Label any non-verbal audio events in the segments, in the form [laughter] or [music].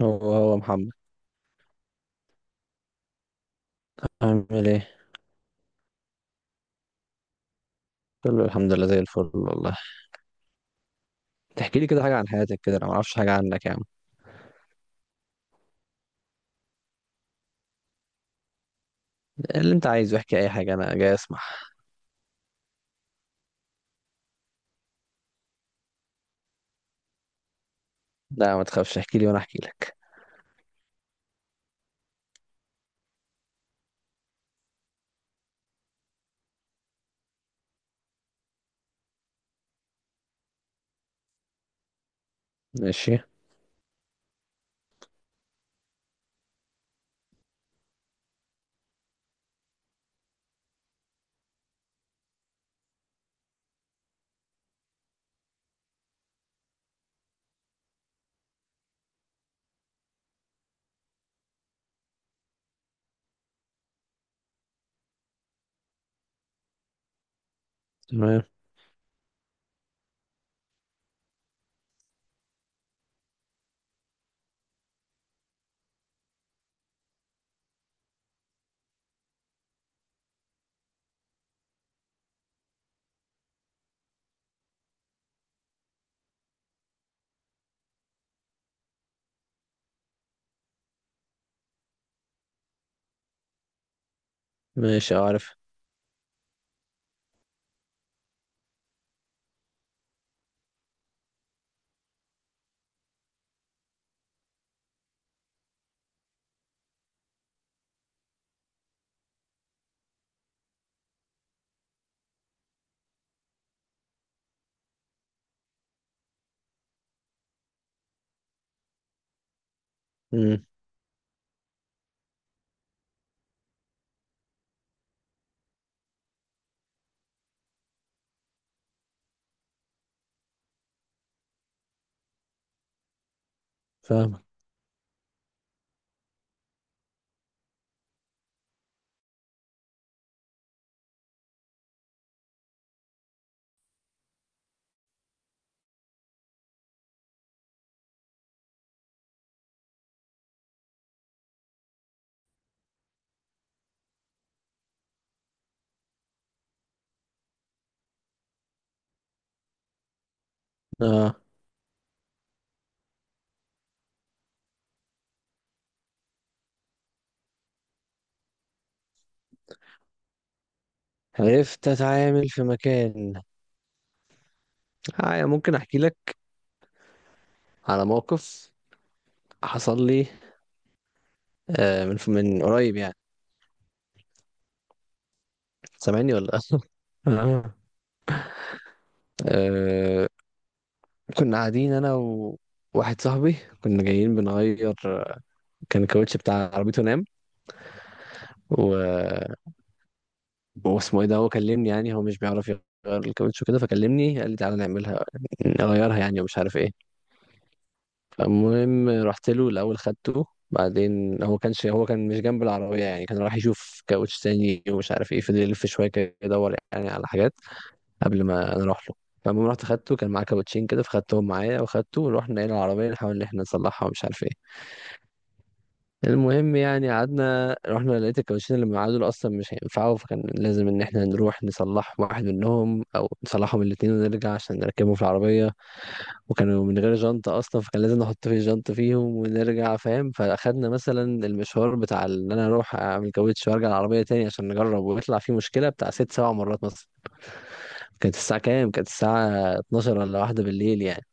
هو محمد. عامل ايه؟ كله الحمد لله زي الفل والله. تحكي لي كده حاجة عن حياتك كده، انا ما اعرفش حاجة عنك يا عم. اللي انت عايزه احكي اي حاجة، انا جاي اسمع. لا ما تخافش، احكي لي وانا احكي لك. ماشي. تمام. ماشي، عارف. امم. فاهمك. اه. عرفت اتعامل في مكان. آه، ممكن احكي لك على موقف حصل لي. من قريب يعني. سامعني ولا لا؟ اه. آه، كنا قاعدين انا وواحد صاحبي. كنا جايين بنغير، كان الكاوتش بتاع عربيته نام. و... واسمه ايه ده، هو كلمني يعني. هو مش بيعرف يغير الكاوتش وكده، فكلمني قال لي تعالى نعملها، نغيرها يعني، ومش عارف ايه. فالمهم رحت له الاول، خدته. بعدين هو كان مش جنب العربية يعني. كان راح يشوف كاوتش تاني ومش عارف ايه، فضل يلف شوية كده يدور يعني على حاجات قبل ما انا اروح له. فالمهم رحت خدته، كان معاه كاوتشين كده، فخدتهم معايا وخدته ورحنا الى العربية نحاول ان احنا نصلحها ومش عارف ايه. المهم يعني قعدنا، رحنا لقيت الكاوتشين اللي معاه دول اصلا مش هينفعوا، فكان لازم ان احنا نروح نصلح واحد منهم او نصلحهم الاتنين ونرجع عشان نركبهم في العربيه. وكانوا من غير جنطه اصلا، فكان لازم نحط في جنط فيهم ونرجع، فاهم. فاخدنا مثلا المشوار بتاع ان انا اروح اعمل كاوتش وارجع العربيه تاني عشان نجرب، ويطلع فيه مشكله، بتاع 6 7 مرات مثلا. كانت الساعه كام؟ كانت الساعه 12 ولا واحدة بالليل يعني.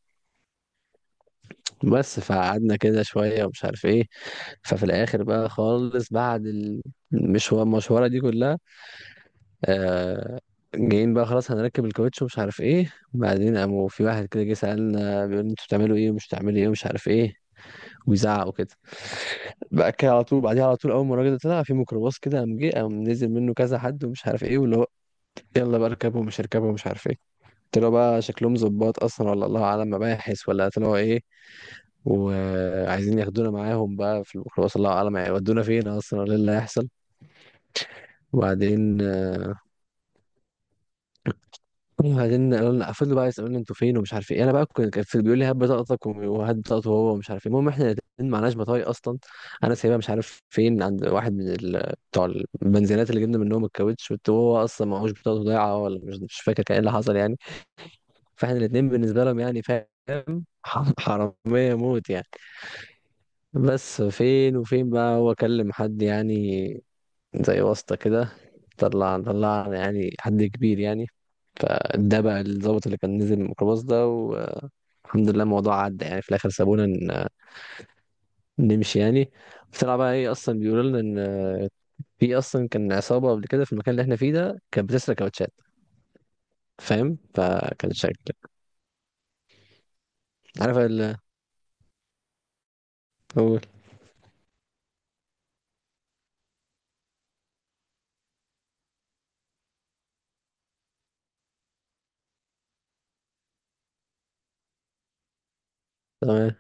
بس فقعدنا كده شوية ومش عارف ايه. ففي الآخر بقى خالص، بعد المشوارة دي كلها، آه جايين بقى خلاص هنركب الكاوتش ومش عارف ايه. بعدين قاموا في واحد كده جه سألنا، بيقول انتوا بتعملوا ايه ومش بتعملوا ايه ومش عارف ايه، ويزعق وكده. بقى كده على طول، بعديها على طول أول ما الراجل ده طلع في ميكروباص كده، قام جه، قام نزل منه كذا حد ومش عارف ايه، واللي هو يلا بقى اركبوا ومش اركبوا ومش عارف ايه. طلعوا بقى شكلهم ظباط اصلا، ولا الله اعلم مباحث، ولا طلعوا ايه. وعايزين ياخدونا معاهم بقى في الميكروباص، الله اعلم هيودونا فين اصلا، ولا إيه اللي هيحصل. وبعدين، قالوا لنا، فضلوا بقى يسالوني انتوا فين ومش عارف ايه. انا بقى كنت بيقول لي هات بطاقتك، وهات بطاقته هو، ومش عارف ايه. المهم احنا الاتنين معناش بطايق اصلا. انا سايبها مش عارف فين عند واحد من بتوع البنزينات اللي جبنا منهم الكاوتش، وهو اصلا معهوش بطاقته، ضايعه ولا مش فاكر كان ايه اللي حصل يعني. فاحنا الاتنين بالنسبه لهم يعني، فاهم، حرامية موت يعني. بس فين وفين بقى، هو كلم حد يعني، زي واسطة كده، طلع يعني حد كبير يعني. فده بقى الضابط اللي كان نزل من الميكروباص ده. والحمد لله الموضوع عدى يعني، في الآخر سابونا نمشي يعني. طلع بقى ايه؟ أصلا بيقولوا لنا إن في، أصلا كان عصابة قبل كده في المكان اللي احنا فيه ده، كانت بتسرق كاوتشات، فاهم. فكان شكل. عارف ال. قول. تمام.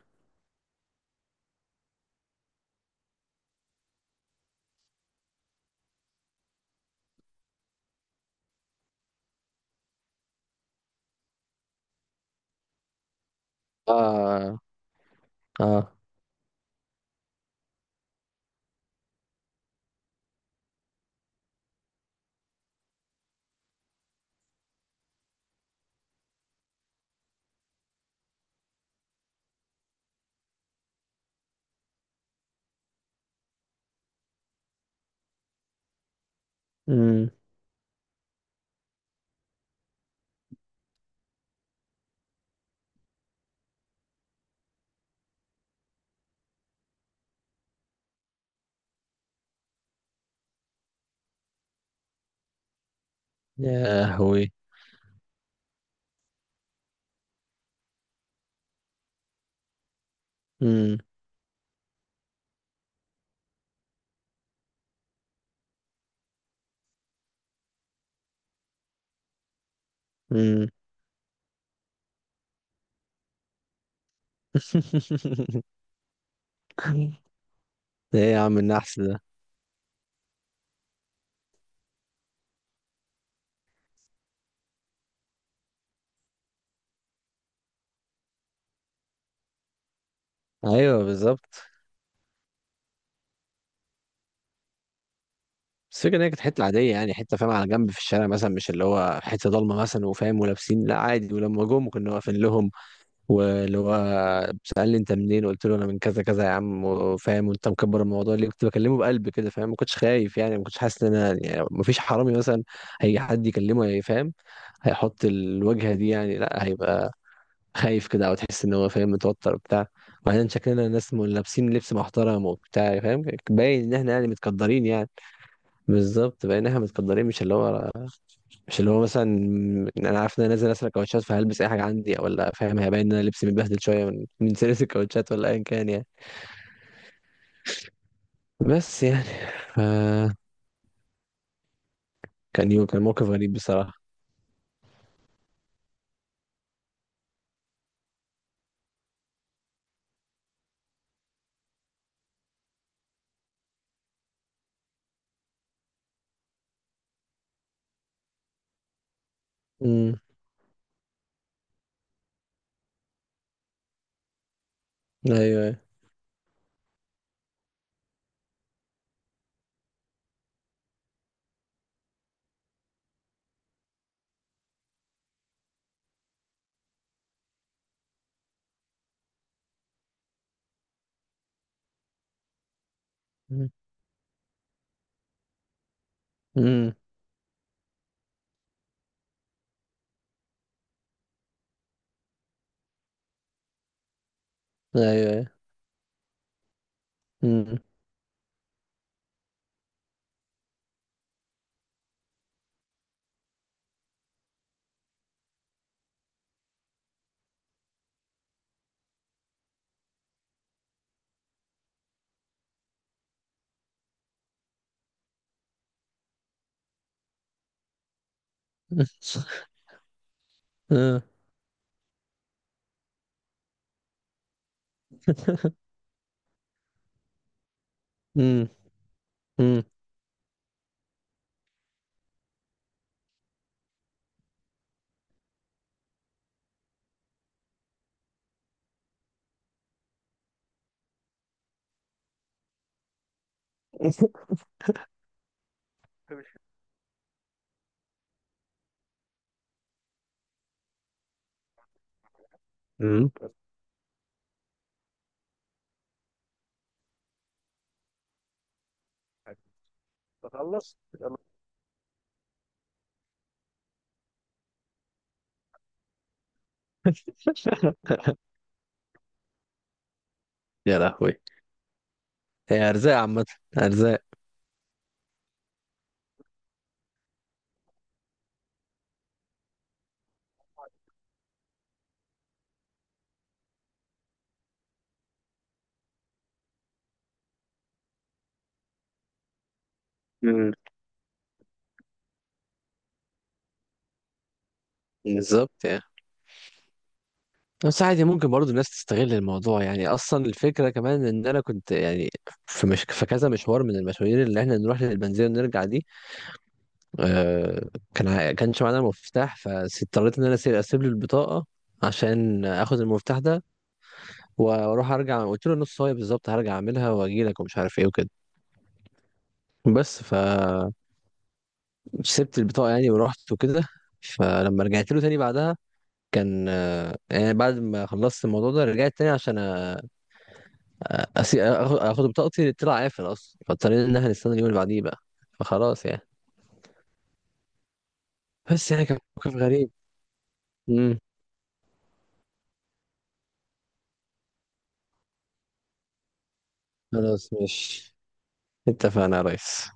اه. اه. امم. يا هوي. امم. امم. [laughs] ايه يا عم النحس ده. ايوه، بالظبط. بس الفكرة إن هي كانت حتة عادية يعني، حتة فاهم على جنب في الشارع مثلا، مش اللي هو حتة ضلمة مثلا وفاهم. ولابسين لا عادي، ولما جم كنا واقفين لهم. واللي هو سألني أنت منين، قلت له أنا من كذا كذا يا عم وفاهم، وأنت مكبر الموضوع ليه. كنت بكلمه بقلب كده، فاهم، ما كنتش خايف يعني، ما كنتش حاسس إن أنا، يعني ما فيش حرامي مثلا هيجي حد يكلمه هيفهم، هيحط الوجهة دي يعني. لا، هيبقى خايف كده، أو تحس إن هو فاهم متوتر وبتاع. وبعدين شكلنا ناس لابسين لبس محترم وبتاع فاهم، باين إن إحنا يعني متقدرين يعني. بالظبط، بقينا احنا متقدرين، مش اللي هو، مثلا انا عارف ان انا نازل اسرق كاوتشات فهلبس اي حاجه عندي او لا، فاهم، هيبان ان انا لبسي متبهدل شويه من [laughs] من سيرة الكاوتشات ولا ايا كان يعني. بس يعني. ف كان موقف غريب بصراحه. امم. ايوه. امم. ايوه. امم. امم. امم. امم. تخلص. [laughs] يا لهوي. هي ارزاق عامه، ارزاق. مم. بالظبط يعني. بس عادي ممكن برضو الناس تستغل الموضوع يعني. اصلا الفكره كمان ان انا كنت يعني في، مش في كذا مشوار من المشاوير اللي احنا نروح للبنزينه ونرجع دي، آه كان كانش معانا مفتاح، فاضطريت ان انا أسيب، له البطاقه عشان اخد المفتاح ده واروح ارجع. قلت له نص صايه بالظبط هرجع اعملها واجي لك، ومش عارف ايه وكده. بس فسبت البطاقه يعني ورحت وكده. فلما رجعت له تاني بعدها، كان، يعني بعد ما خلصت الموضوع ده رجعت تاني عشان آخد بطاقتي، طلع قافل أصلا، فاضطرينا إن إحنا نستنى اليوم اللي بعديه بقى. فخلاص يعني. بس يعني كان موقف غريب. امم. خلاص، ماشي. اتفقنا يا ريس.